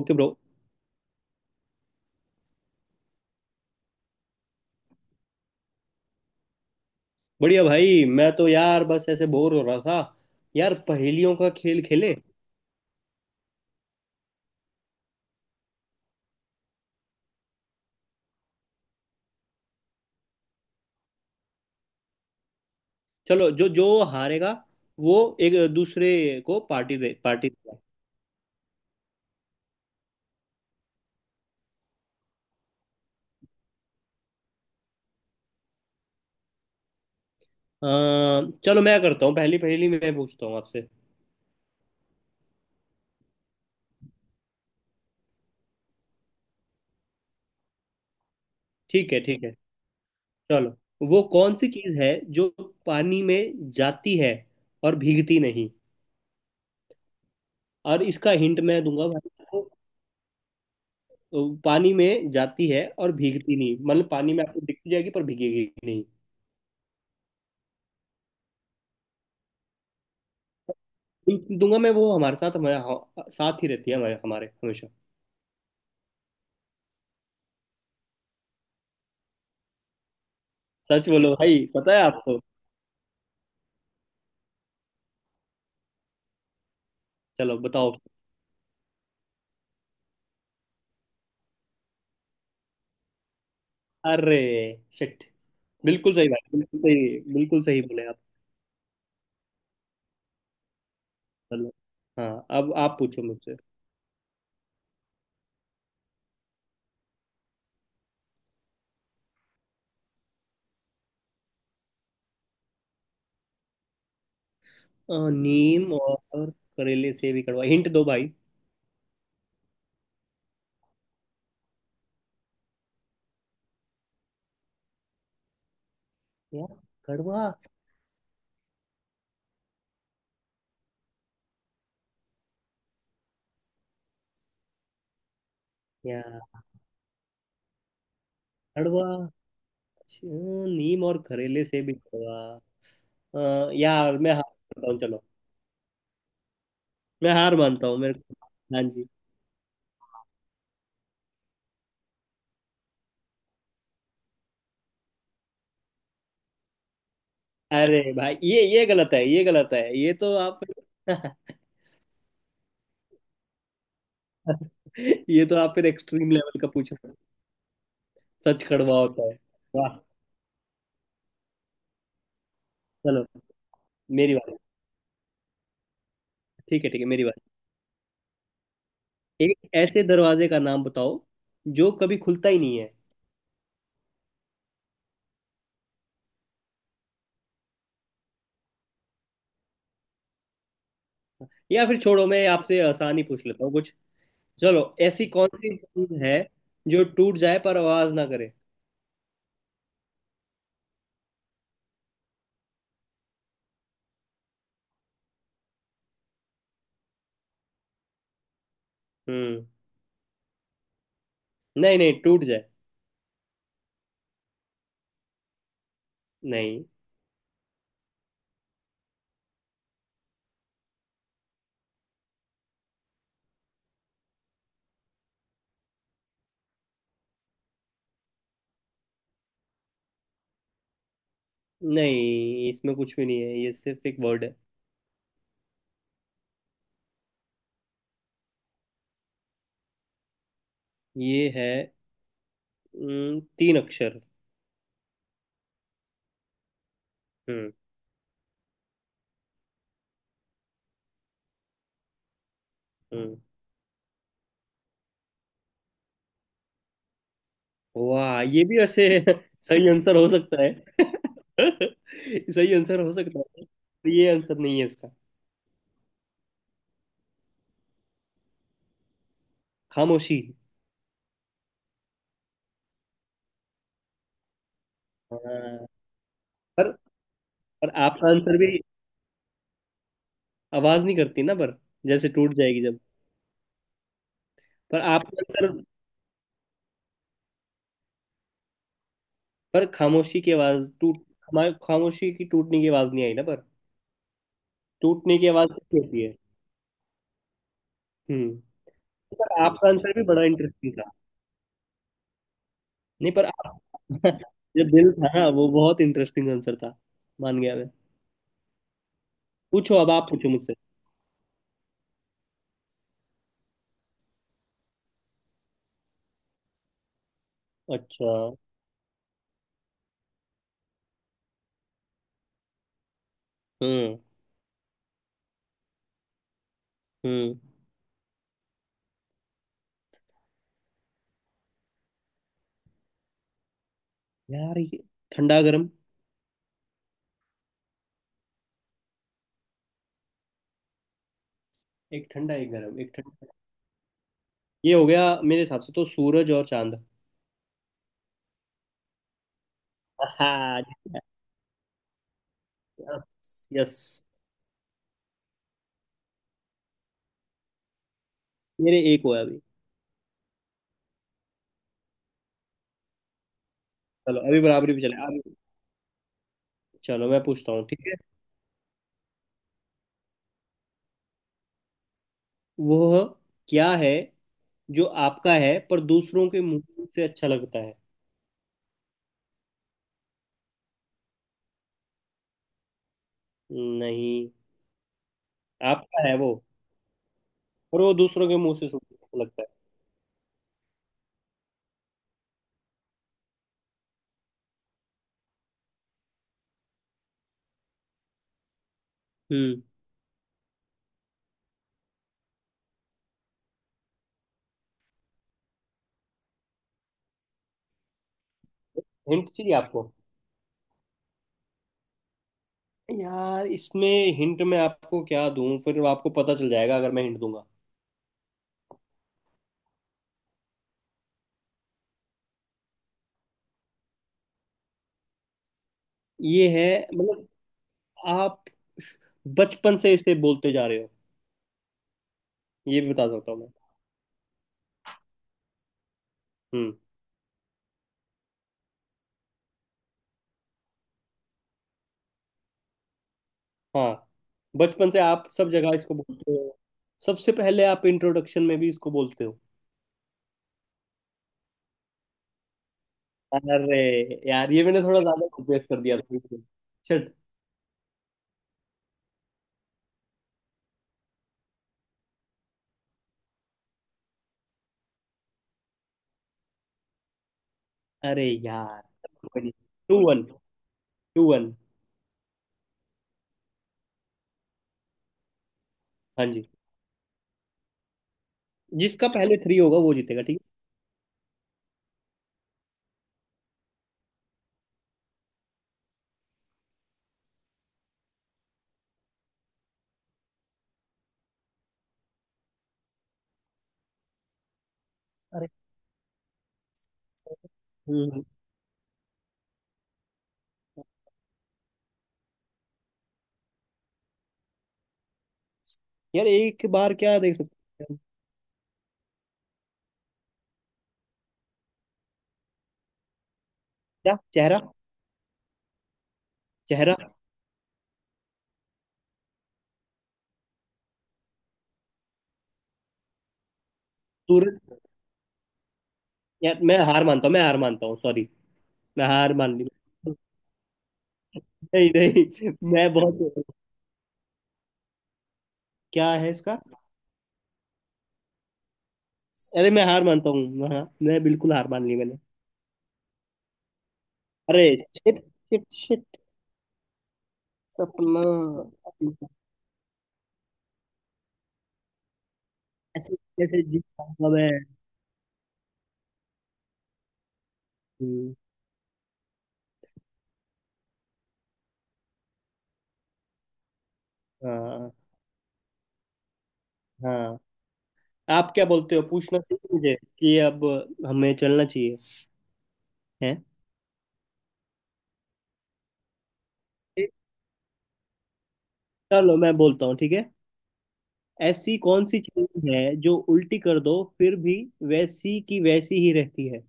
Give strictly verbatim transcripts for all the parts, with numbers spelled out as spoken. Okay bro. बढ़िया भाई, मैं तो यार बस ऐसे बोर हो रहा था। यार, पहेलियों का खेल खेले। चलो, जो जो हारेगा वो एक दूसरे को पार्टी दे, पार्टी देगा। अ, चलो, मैं करता हूँ, पहली पहेली मैं पूछता हूँ आपसे। ठीक है, ठीक है, चलो। वो कौन सी चीज़ है जो पानी में जाती है और भीगती नहीं। और इसका हिंट मैं दूंगा भाई आपको। अ, पानी में जाती है और भीगती नहीं मतलब पानी में आपको दिखती जाएगी पर भीगेगी नहीं। बिल्कुल दूंगा मैं, वो हमारे साथ, हमारे हाँ- साथ ही रहती है हमारे हमारे हमेशा। सच बोलो भाई, पता है आपको। चलो बताओ। अरे शिट! बिल्कुल सही भाई, बिल्कुल सही, बिल्कुल सही बोले आप। चलो। हाँ, अब आप पूछो मुझसे। अ, नीम और करेले से भी कड़वा, हिंट दो भाई। यार कड़वा। यार कड़वा। श- नीम और करेले से भी कड़वा। अ, यार मैं हार मानता हूँ, चलो। मैं हार मानता हूँ, मेरे को। हाँ जी। अरे भाई ये ये गलत है, ये गलत है, ये तो आप ये तो आप फिर एक्सट्रीम लेवल का पूछ रहे हो। सच कड़वा होता है। वाह। चलो मेरी बारी। ठीक है, ठीक है, मेरी बारी। एक ऐसे दरवाजे का नाम बताओ जो कभी खुलता ही नहीं है। या फिर छोड़ो, मैं आपसे आसान ही पूछ लेता हूँ कुछ। चलो, ऐसी कौन सी चीज है जो टूट जाए पर आवाज ना करे। हम्म। नहीं नहीं, टूट जाए। नहीं। नहीं, इसमें कुछ भी नहीं है, ये सिर्फ एक वर्ड है। ये है, हम्म, तीन अक्षर। हम्म। हम्म। वाह, ये भी वैसे सही आंसर हो सकता है। सही आंसर हो सकता है पर ये आंसर नहीं है इसका। खामोशी। हाँ। पर पर आपका आंसर भी आवाज नहीं करती ना, पर जैसे टूट जाएगी जब। पर आपका आंसर। पर खामोशी की आवाज टूट, हमारे खामोशी की टूटने की आवाज नहीं आई ना पर। टूटने की आवाज कैसी होती है। हम्म। पर आपका आंसर भी बड़ा इंटरेस्टिंग था। नहीं, पर आप जो दिल था ना, वो बहुत इंटरेस्टिंग आंसर था। मान गया मैं। पूछो, अब आप पूछो मुझसे। अच्छा। हम्म। हम्म। यार ये ठंडा गर्म, एक ठंडा एक गर्म एक ठंडा। ये हो गया, मेरे हिसाब से तो सूरज और चांद। हाँ। Yes yes. मेरे एक हुआ अभी। चलो, अभी बराबरी पे चले अब। चलो मैं पूछता हूँ ठीक है। वो क्या है जो आपका है पर दूसरों के मुंह से अच्छा लगता है। नहीं। आपका है वो, पर वो दूसरों के मुंह से सुंदर लगता है। हम्म। हिंट चाहिए आपको। यार इसमें हिंट मैं आपको क्या दूं, फिर आपको पता चल जाएगा अगर मैं हिंट दूंगा। ये है मतलब, आप बचपन से इसे बोलते जा रहे हो। ये भी बता सकता हूँ मैं। हम्म। हाँ। बचपन से आप सब जगह इसको बोलते हो, सबसे पहले आप इंट्रोडक्शन में भी इसको बोलते हो। अरे यार, ये मैंने थोड़ा ज्यादा कंप्रेस कर दिया था। शट। अरे यार, टू वन, टू वन। हाँ जी। जिसका पहले थ्री होगा वो जीतेगा, ठीक है। अरे। हम्म। हम्म। यार एक बार क्या देख सकते हैं हम? क्या, चेहरा? चेहरा? सूरज? यार मैं हार मानता हूँ, मैं हार मानता हूँ, सॉरी। मैं हार मान ली। नहीं नहीं, मैं बहुत, क्या है इसका? अरे, मैं हार मानता हूँ, हाँ मैं बिल्कुल हार मान ली मैंने। अरे शिट! Shit shit. सपना। ऐसे कैसे जीत पाऊंगा मैं। हम्म। हाँ। हाँ। आप क्या बोलते हो, पूछना चाहिए मुझे कि अब हमें चलना चाहिए। है। चलो मैं बोलता हूँ, ठीक है। ऐसी कौन सी चीज है जो उल्टी कर दो फिर भी वैसी की वैसी ही रहती है।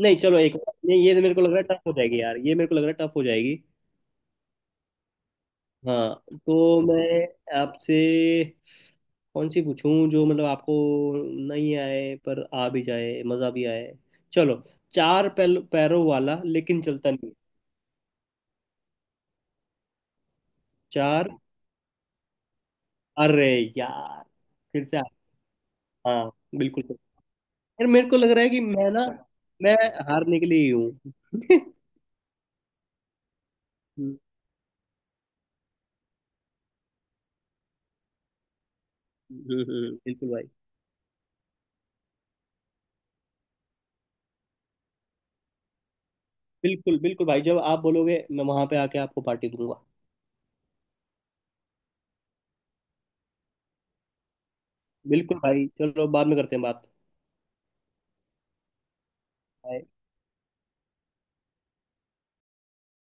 नहीं चलो, एक, ये ये मेरे को लग रहा है टफ हो जाएगी, यार ये मेरे को लग रहा है टफ हो जाएगी। हाँ। तो मैं आपसे कौन सी पूछूं जो मतलब आपको नहीं आए पर आ भी जाए, मजा भी आए। चलो, चार पैल, पैरों वाला लेकिन चलता नहीं। चार। अरे यार, फिर से आप- हाँ, बिल्कुल। यार मेरे को लग रहा है कि मैं ना मैं हारने के लिए ही हूँ हम्म, हम्म, हम्म, बिल्कुल भाई। बिल्कुल, बिल्कुल भाई, जब आप बोलोगे मैं वहां पे आके आपको पार्टी दूंगा। बिल्कुल भाई, चलो बाद में करते हैं बात। Bye.